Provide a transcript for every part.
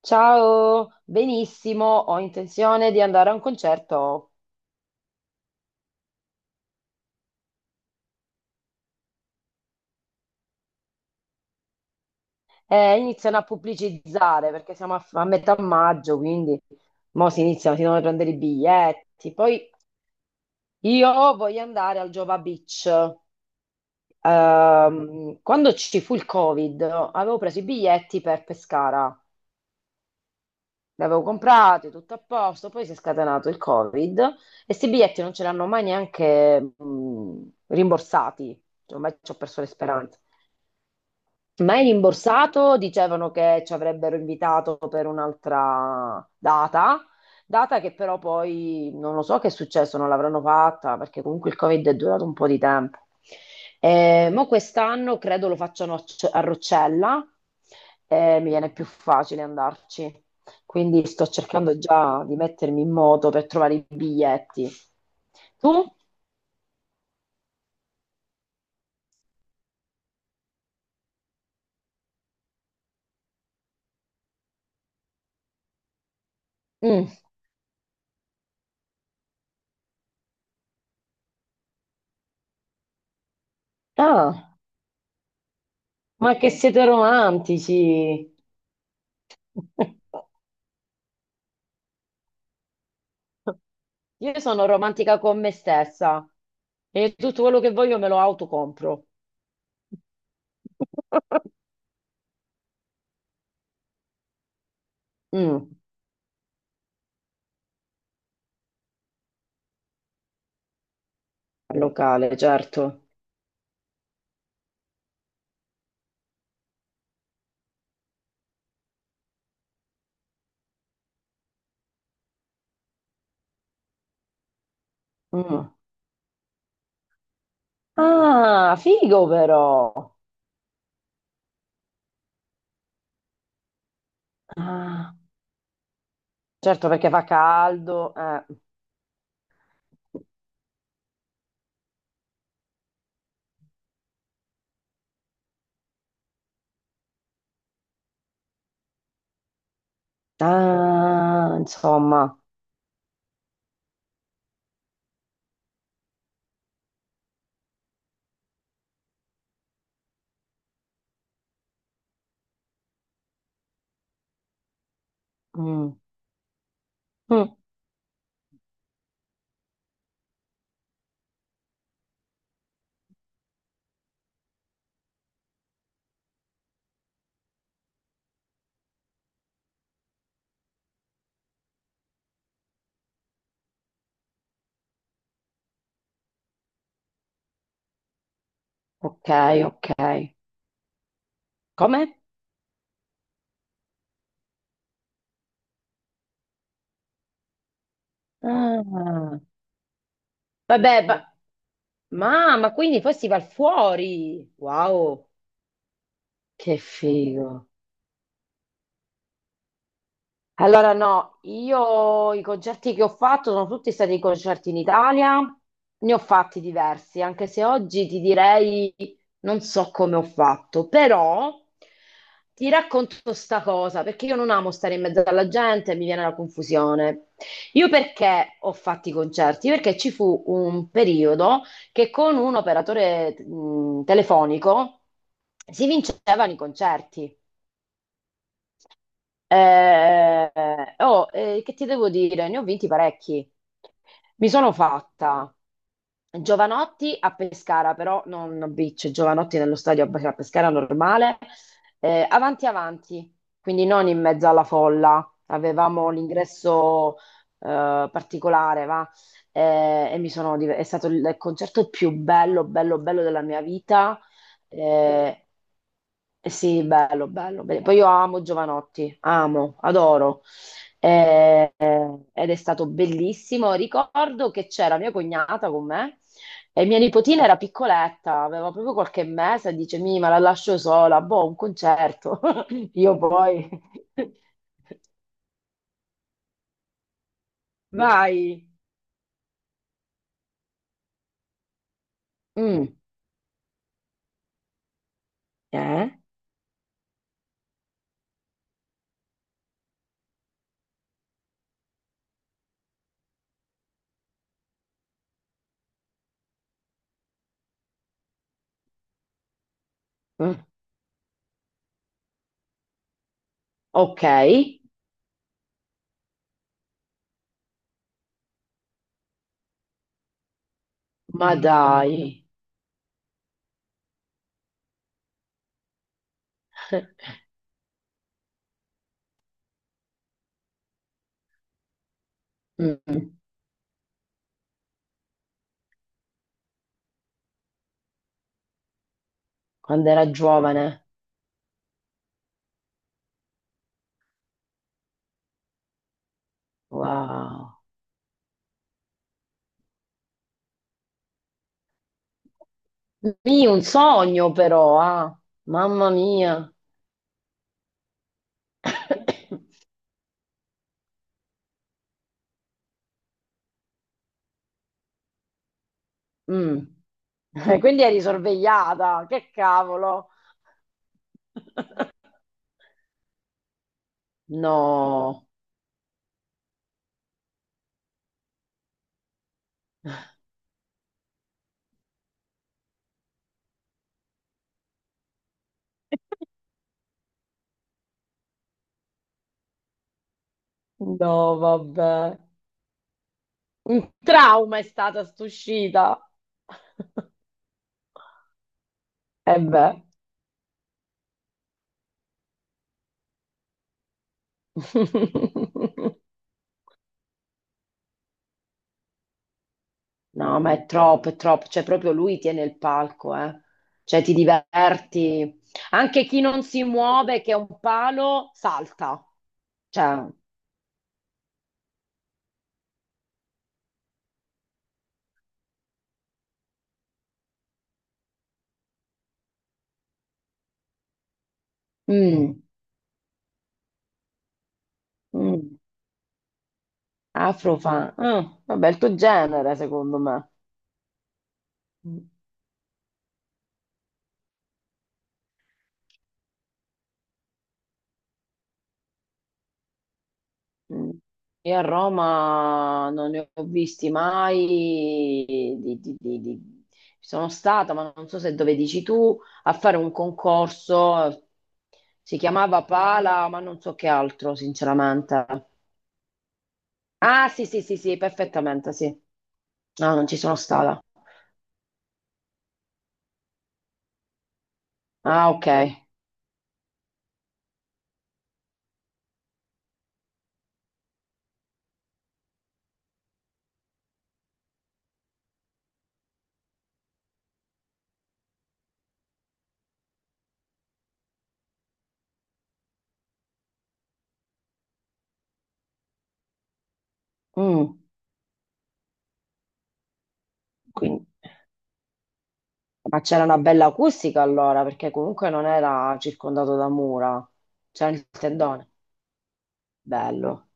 Ciao, benissimo, ho intenzione di andare a un concerto. Iniziano a pubblicizzare perché siamo a, a metà maggio, quindi mo si iniziano, si devono prendere i biglietti. Poi io voglio andare al Jova Beach. Quando ci fu il Covid, avevo preso i biglietti per Pescara. Li avevo comprati, tutto a posto, poi si è scatenato il Covid e questi biglietti non ce li hanno mai neanche rimborsati. Cioè, ormai ci ho perso le speranze. Mai rimborsato, dicevano che ci avrebbero invitato per un'altra data, data che però poi non lo so che è successo, non l'avranno fatta perché comunque il Covid è durato un po' di tempo. Mo quest'anno credo lo facciano a a Roccella, mi viene più facile andarci. Quindi sto cercando già di mettermi in moto per trovare i biglietti. Tu? Mm. Ah, ma che siete romantici! Io sono romantica con me stessa e tutto quello che voglio me lo autocompro. Mm, al locale, certo. Mm. Ah, figo però. Ah, certo perché fa caldo, eh. Ah, insomma. Mm. Mm. Ok, ok. Come? Ah. Vabbè, ma... ma quindi poi si va fuori. Wow, che figo. Allora, no, io i concerti che ho fatto sono tutti stati concerti in Italia, ne ho fatti diversi, anche se oggi ti direi non so come ho fatto, però ti racconto sta cosa, perché io non amo stare in mezzo alla gente, mi viene la confusione. Io perché ho fatto i concerti? Perché ci fu un periodo che con un operatore telefonico si vincevano i concerti. Oh, che ti devo dire? Ne ho vinti parecchi. Mi sono fatta Giovanotti a Pescara, però non a Beach, Giovanotti nello stadio a Pescara normale, avanti avanti, quindi non in mezzo alla folla. Avevamo l'ingresso particolare, va? E mi sono è stato il concerto più bello, bello, bello della mia vita. Eh, eh, sì, bello, bello, bello. Poi io amo Giovanotti, amo, adoro. Ed è stato bellissimo. Ricordo che c'era mia cognata con me e mia nipotina era piccoletta, aveva proprio qualche mese, e dice, mi, ma la lascio sola, boh, un concerto. Io poi, vai. Mm, eh? Mm, ok, ma dai. Mm, quando era giovane, wow. Mì, un sogno però, ah. Mamma mia. Mm. Quindi eri sorvegliata, che cavolo. No, no, vabbè. Un trauma è stata st'uscita. E beh. No, ma è troppo, è troppo. Cioè, proprio lui tiene il palco, eh. Cioè, ti diverti. Anche chi non si muove, che è un palo, salta. Cioè, mm, mm. Afrofunk. Mm, vabbè, il tuo genere, secondo me. Mm. Io a Roma non ne ho visti mai. di- di- di- di- Sono stata, ma non so se dove dici tu, a fare un concorso. Si chiamava Pala, ma non so che altro, sinceramente. Ah, sì, sì, sì, sì, perfettamente, sì. No, non ci sono stata. Ah, ok. Mm, quindi. Ma c'era una bella acustica allora, perché comunque non era circondato da mura. C'era il tendone. Bello.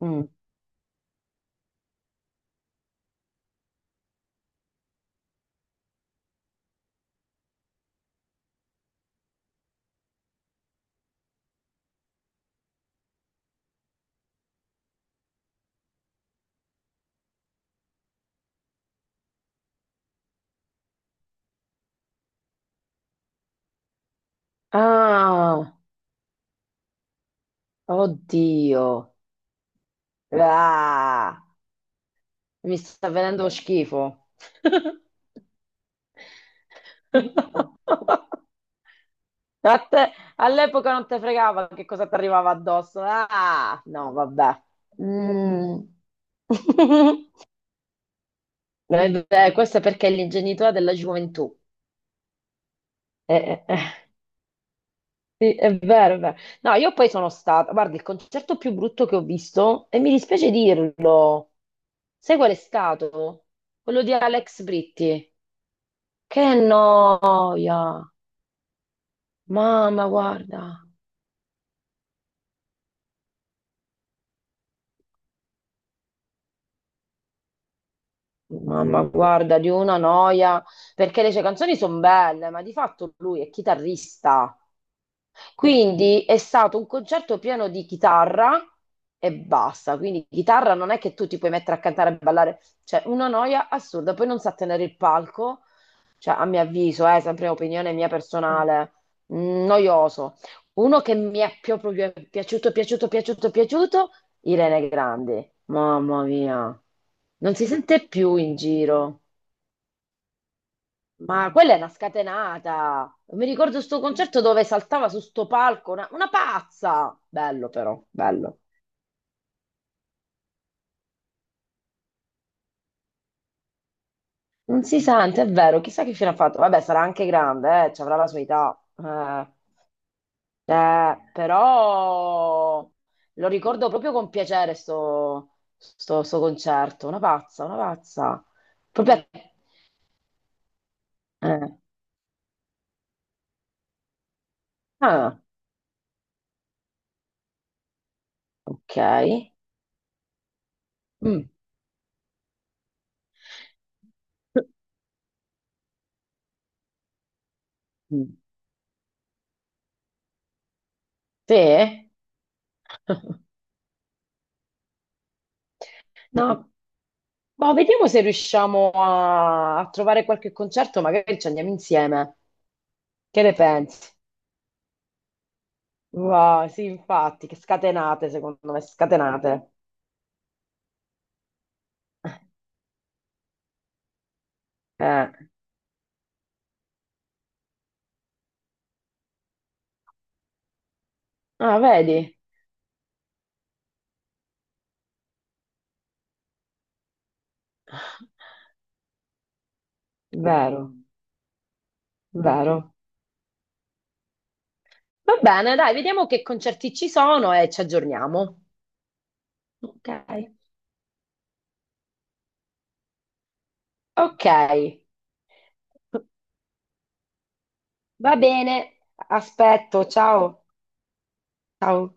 Mm. Ah, oddio. Ah, mi sta venendo lo schifo. All'epoca non te fregava che cosa ti arrivava addosso. Ah, no, vabbè. Mm. Beh, questo è perché è l'ingenuità della gioventù. Eh, eh, eh. Sì, è vero, è vero. No, io poi sono stata, guarda, il concerto più brutto che ho visto, e mi dispiace dirlo, sai qual è stato? Quello di Alex Britti. Che noia! Mamma, guarda, mamma, guarda, di una noia, perché le sue canzoni sono belle, ma di fatto lui è chitarrista. Quindi è stato un concerto pieno di chitarra e basta. Quindi chitarra non è che tu ti puoi mettere a cantare e ballare, cioè una noia assurda, poi non sa tenere il palco, cioè a mio avviso, sempre opinione mia personale, noioso. Uno che proprio piaciuto, piaciuto, piaciuto, piaciuto, Irene Grandi. Mamma mia, non si sente più in giro. Ma quella è una scatenata. Mi ricordo sto concerto dove saltava su sto palco, una pazza. Bello però, bello. Non si sente, è vero, chissà che fine ha fatto. Vabbè, sarà anche grande, ci avrà la sua età. Eh, però lo ricordo proprio con piacere sto, sto concerto, una pazza, una pazza. Proprio a- eh. Ah, ok. Mm. Mm. Sì? No, ma vediamo se riusciamo a, a trovare qualche concerto, magari ci andiamo insieme. Che ne pensi? Wow, sì, infatti, che scatenate, secondo me, scatenate. Eh. Ah, vedi? Vero, vero. Va bene, dai, vediamo che concerti ci sono e ci aggiorniamo. Ok. Ok, va bene, aspetto, ciao. Ciao.